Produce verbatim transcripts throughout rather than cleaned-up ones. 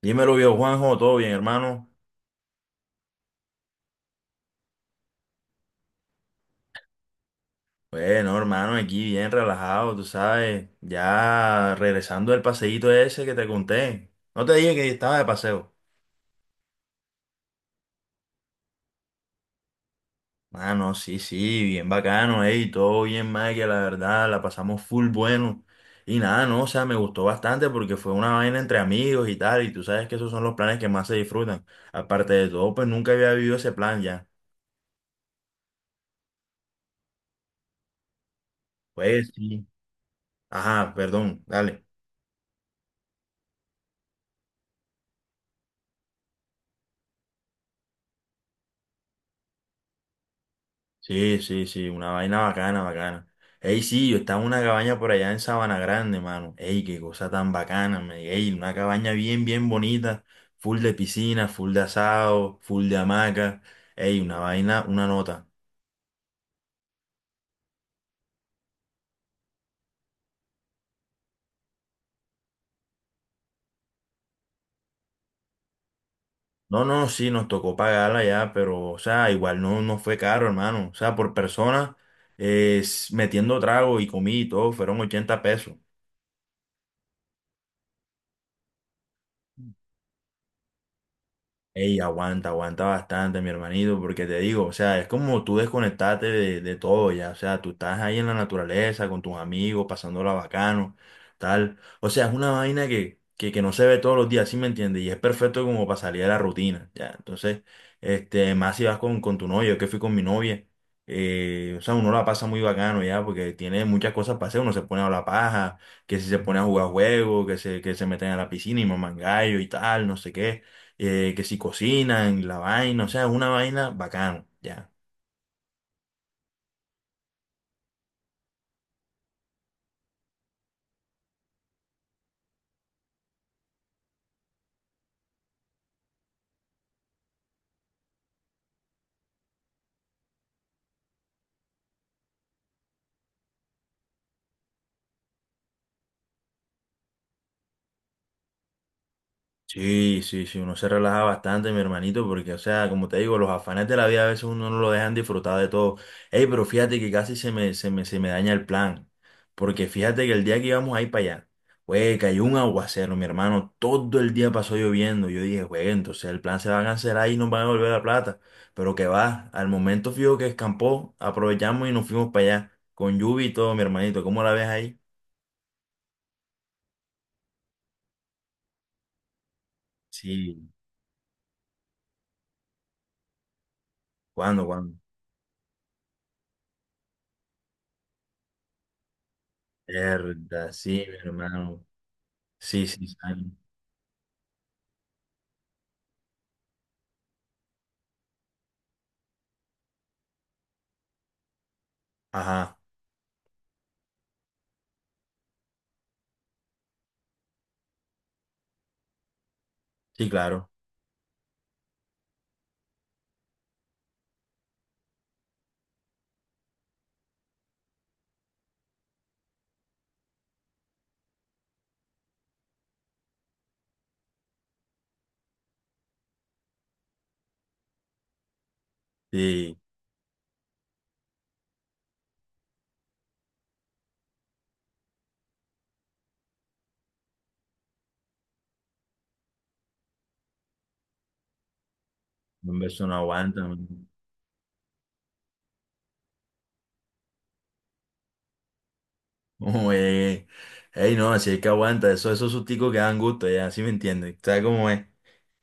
Dímelo, viejo Juanjo, ¿todo bien, hermano? Bueno, hermano, aquí bien relajado, tú sabes, ya regresando del paseíto ese que te conté. No te dije que estaba de paseo. Ah, no, sí, sí, bien bacano, ey, todo bien, que la verdad, la pasamos full bueno. Y nada, no, o sea, me gustó bastante porque fue una vaina entre amigos y tal, y tú sabes que esos son los planes que más se disfrutan. Aparte de todo, pues nunca había vivido ese plan ya. Pues sí. Ajá, perdón, dale. Sí, sí, sí, una vaina bacana, bacana. Ey, sí, yo estaba en una cabaña por allá en Sabana Grande, mano. Ey, qué cosa tan bacana, man. Ey, una cabaña bien, bien bonita, full de piscina, full de asado, full de hamaca. Ey, una vaina, una nota. No, no, sí, nos tocó pagarla ya, pero, o sea, igual no, no fue caro, hermano. O sea, por persona, eh, s- metiendo trago y comida y todo, fueron ochenta pesos. Ey, aguanta, aguanta bastante, mi hermanito, porque te digo, o sea, es como tú desconectarte de, de todo ya, o sea, tú estás ahí en la naturaleza con tus amigos, pasándola bacano, tal. O sea, es una vaina que, que, que no se ve todos los días, ¿sí me entiendes? Y es perfecto como para salir de la rutina, ya. Entonces, este, más si vas con, con tu novia, yo que fui con mi novia, eh, o sea, uno la pasa muy bacano ya, porque tiene muchas cosas para hacer, uno se pone a la paja, que si se pone a jugar juegos, que se, que se meten a la piscina y mamangallo y tal, no sé qué eh, que si cocinan, la vaina, o sea, una vaina bacano, ya. Sí, sí, sí, uno se relaja bastante, mi hermanito, porque, o sea, como te digo, los afanes de la vida a veces uno no lo dejan disfrutar de todo. Ey, pero fíjate que casi se me, se me, se me daña el plan, porque fíjate que el día que íbamos a ir para allá, güey, cayó un aguacero, mi hermano, todo el día pasó lloviendo. Yo dije, güey, entonces el plan se va a cancelar y nos van a devolver la plata. Pero que va, al momento fijo que escampó, aprovechamos y nos fuimos para allá, con lluvia y todo, mi hermanito, ¿cómo la ves ahí? Sí, ¿cuándo, cuándo? Verdad, sí, mi hermano. Sí, sí, sí. Ajá, sí, claro. Sí, un beso no aguanta, ¿no? Ué, ey, no, así es que aguanta, eso, esos susticos que dan gusto, ya, ¿sí me entiendes?, ¿sabes cómo es?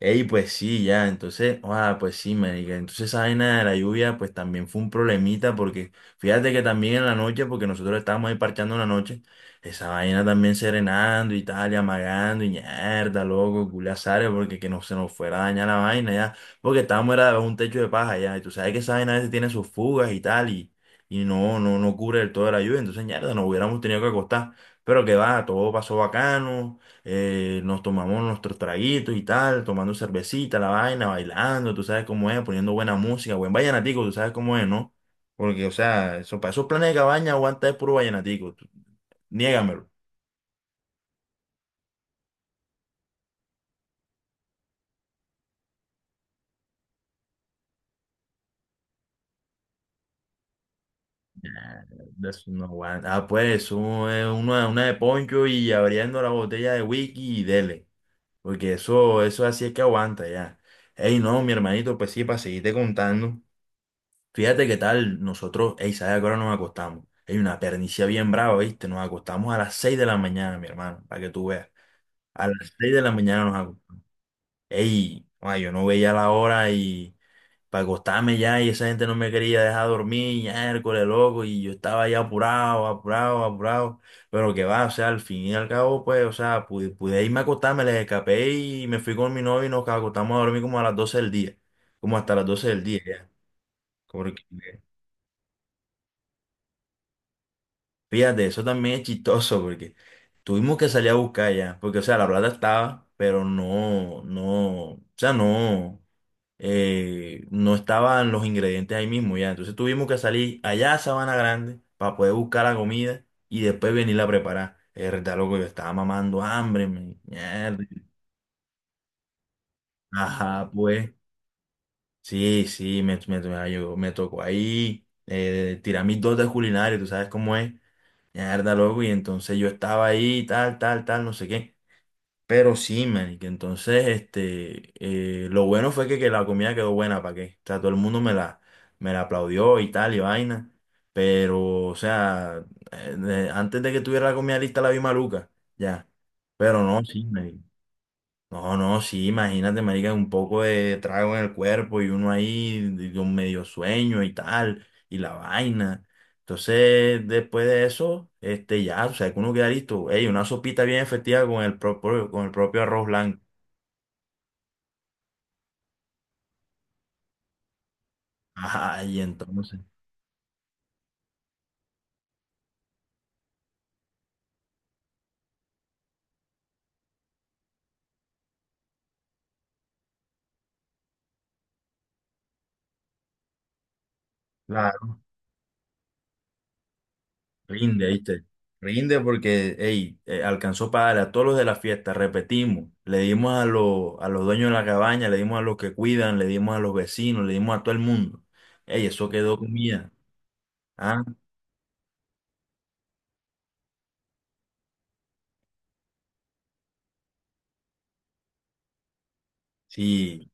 Ey, pues sí, ya, entonces, ah, pues sí, marica, entonces esa vaina de la lluvia, pues también fue un problemita, porque fíjate que también en la noche, porque nosotros estábamos ahí parchando en la noche, esa vaina también serenando y tal, y amagando, y mierda, loco, culiazares, porque que no se nos fuera a dañar la vaina, ya, porque estábamos era debajo de un techo de paja, ya, y tú sabes que esa vaina a veces tiene sus fugas y tal, y y no, no, no cubre del todo la lluvia, entonces mierda, nos hubiéramos tenido que acostar. Pero que va, todo pasó bacano, eh, nos tomamos nuestros traguitos y tal, tomando cervecita, la vaina, bailando, tú sabes cómo es, poniendo buena música, buen vallenatico, tú sabes cómo es, ¿no? Porque, o sea, eso, para esos planes de cabaña aguanta es puro vallenatico, tú- niégamelo. Ah, eso no aguanta. Ah, pues, un- eh, una, una de poncho y abriendo la botella de whisky y dele. Porque eso, eso así es que aguanta ya. Ey, no, mi hermanito, pues sí, para seguirte contando. Fíjate qué tal nosotros, ey, ¿sabes a qué hora nos acostamos? Hay una pernicia bien brava, ¿viste? Nos acostamos a las seis de la mañana, mi hermano, para que tú veas. A las seis de la mañana nos acostamos. Ey, ay, yo no veía la hora y para acostarme ya y esa gente no me quería dejar dormir, ya, Hércules, loco, y yo estaba ya apurado, apurado, apurado, pero que va, o sea, al fin y al cabo, pues, o sea, pude, pude irme a acostarme, les escapé y me fui con mi novio y nos acostamos a dormir como a las doce del día, como hasta las doce del día, ya. Porque, fíjate, eso también es chistoso, porque tuvimos que salir a buscar ya, porque, o sea, la plata estaba, pero no, no, o sea, no. eh, no estaban los ingredientes ahí mismo ya. Entonces tuvimos que salir allá a Sabana Grande para poder buscar la comida y después venirla a preparar. Verdad, loco, yo estaba mamando hambre, me- mierda. Ajá, pues. Sí, sí, me, me, me ayudó, me tocó ahí eh, tirar mis dotes culinarias, tú sabes cómo es. Mierda, loco, y entonces yo estaba ahí, tal, tal, tal, no sé qué. Pero sí, marica, entonces, este, eh, lo bueno fue que, que la comida quedó buena, ¿para qué? O sea, todo el mundo me la, me la aplaudió y tal, y vaina. Pero, o sea, eh, eh, antes de que tuviera la comida lista la vi maluca, ya. Pero no, sí, marica. No, no, sí, imagínate, marica, un poco de trago en el cuerpo y uno ahí de- con medio sueño y tal, y la vaina. Entonces, después de eso, este, ya, o sea, que uno queda listo. Ey, una sopita bien efectiva con el propio, con el propio arroz blanco. Ajá, y entonces, claro, rinde, ¿viste? Rinde porque, ey, eh, alcanzó para darle a todos los de la fiesta, repetimos, le dimos a los, a los dueños de la cabaña, le dimos a los que cuidan, le dimos a los vecinos, le dimos a todo el mundo. Ey, eso quedó comida. Ah, sí,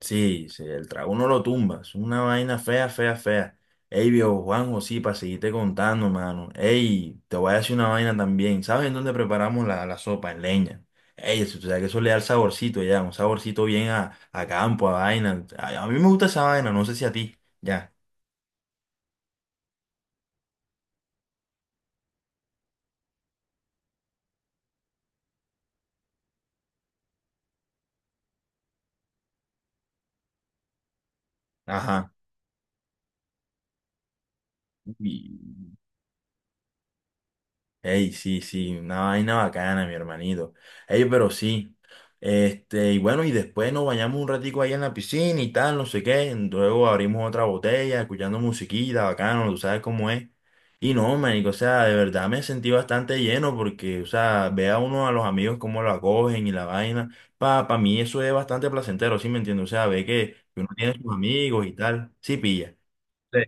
sí, sí, el trago uno lo tumba, es una vaina fea, fea, fea. Ey, viejo Juanjo, sí, para seguirte contando, mano. Ey, te voy a decir una vaina también. ¿Sabes en dónde preparamos la, la sopa? En leña. Ey, eso tú sabes que eso le da el saborcito ya, un saborcito bien a, a campo, a vaina. A, a mí me gusta esa vaina, no sé si a ti. Ya, ajá. Ey, sí, sí, una vaina bacana, mi hermanito. Ey, pero sí. Este, y bueno, y después nos bañamos un ratico ahí en la piscina y tal, no sé qué. Luego abrimos otra botella, escuchando musiquita, bacano, tú sabes cómo es. Y no, manico, o sea, de verdad me sentí bastante lleno porque, o sea, ve a uno a los amigos cómo lo acogen y la vaina. Pa, pa mí eso es bastante placentero, ¿sí me entiendes? O sea, ve que que uno tiene sus amigos y tal. Sí, pilla. Sí.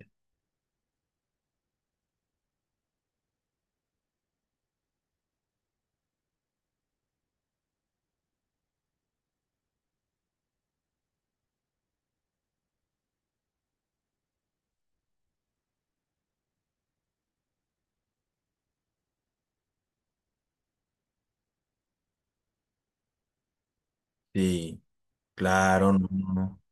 Sí, claro, no, no, no.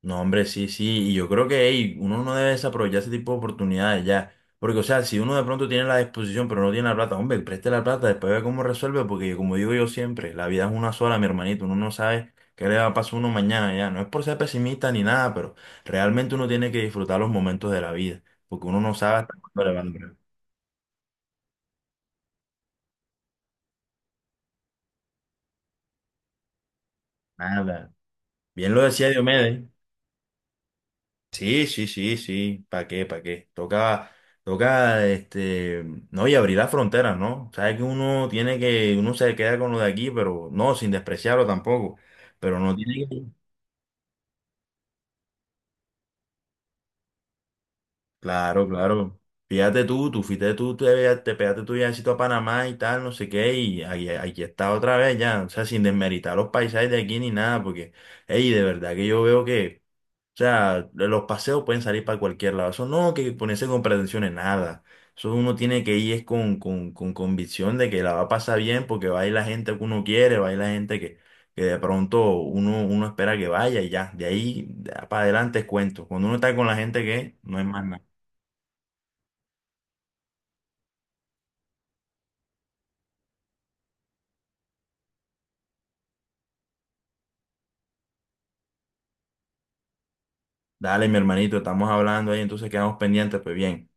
No, hombre, sí, sí, y yo creo que ey, uno no debe desaprovechar ese tipo de oportunidades ya, porque o sea, si uno de pronto tiene la disposición pero no tiene la plata, hombre, preste la plata, después ve cómo resuelve, porque como digo yo siempre, la vida es una sola, mi hermanito, uno no sabe qué le va a pasar a uno mañana ya, no es por ser pesimista ni nada, pero realmente uno tiene que disfrutar los momentos de la vida, porque uno no sabe hasta cuándo le va a durar. Nada, bien lo decía Diomedes. Sí, sí, sí, sí. ¿Para qué? ¿Para qué? Toca, toca, este, no, y abrir las fronteras, ¿no? Sabes que uno tiene que, uno se queda con lo de aquí, pero no, sin despreciarlo tampoco. Pero no tiene que. Claro, claro. Fíjate tú, tú fuiste tú, te, te pegaste tu viajecito a Panamá y tal, no sé qué, y ahí- aquí, está otra vez ya. O sea, sin desmeritar los paisajes de aquí ni nada, porque, hey, de verdad que yo veo que. O sea, los paseos pueden salir para cualquier lado. Eso no que ponerse con pretensiones, nada. Eso uno tiene que ir es con, con, con, convicción de que la va a pasar bien porque va a ir la gente que uno quiere, va a ir la gente que, que de pronto uno, uno espera que vaya y ya. De ahí para adelante es cuento. Cuando uno está con la gente que no es más nada. Dale, mi hermanito, estamos hablando ahí, entonces quedamos pendientes, pues bien.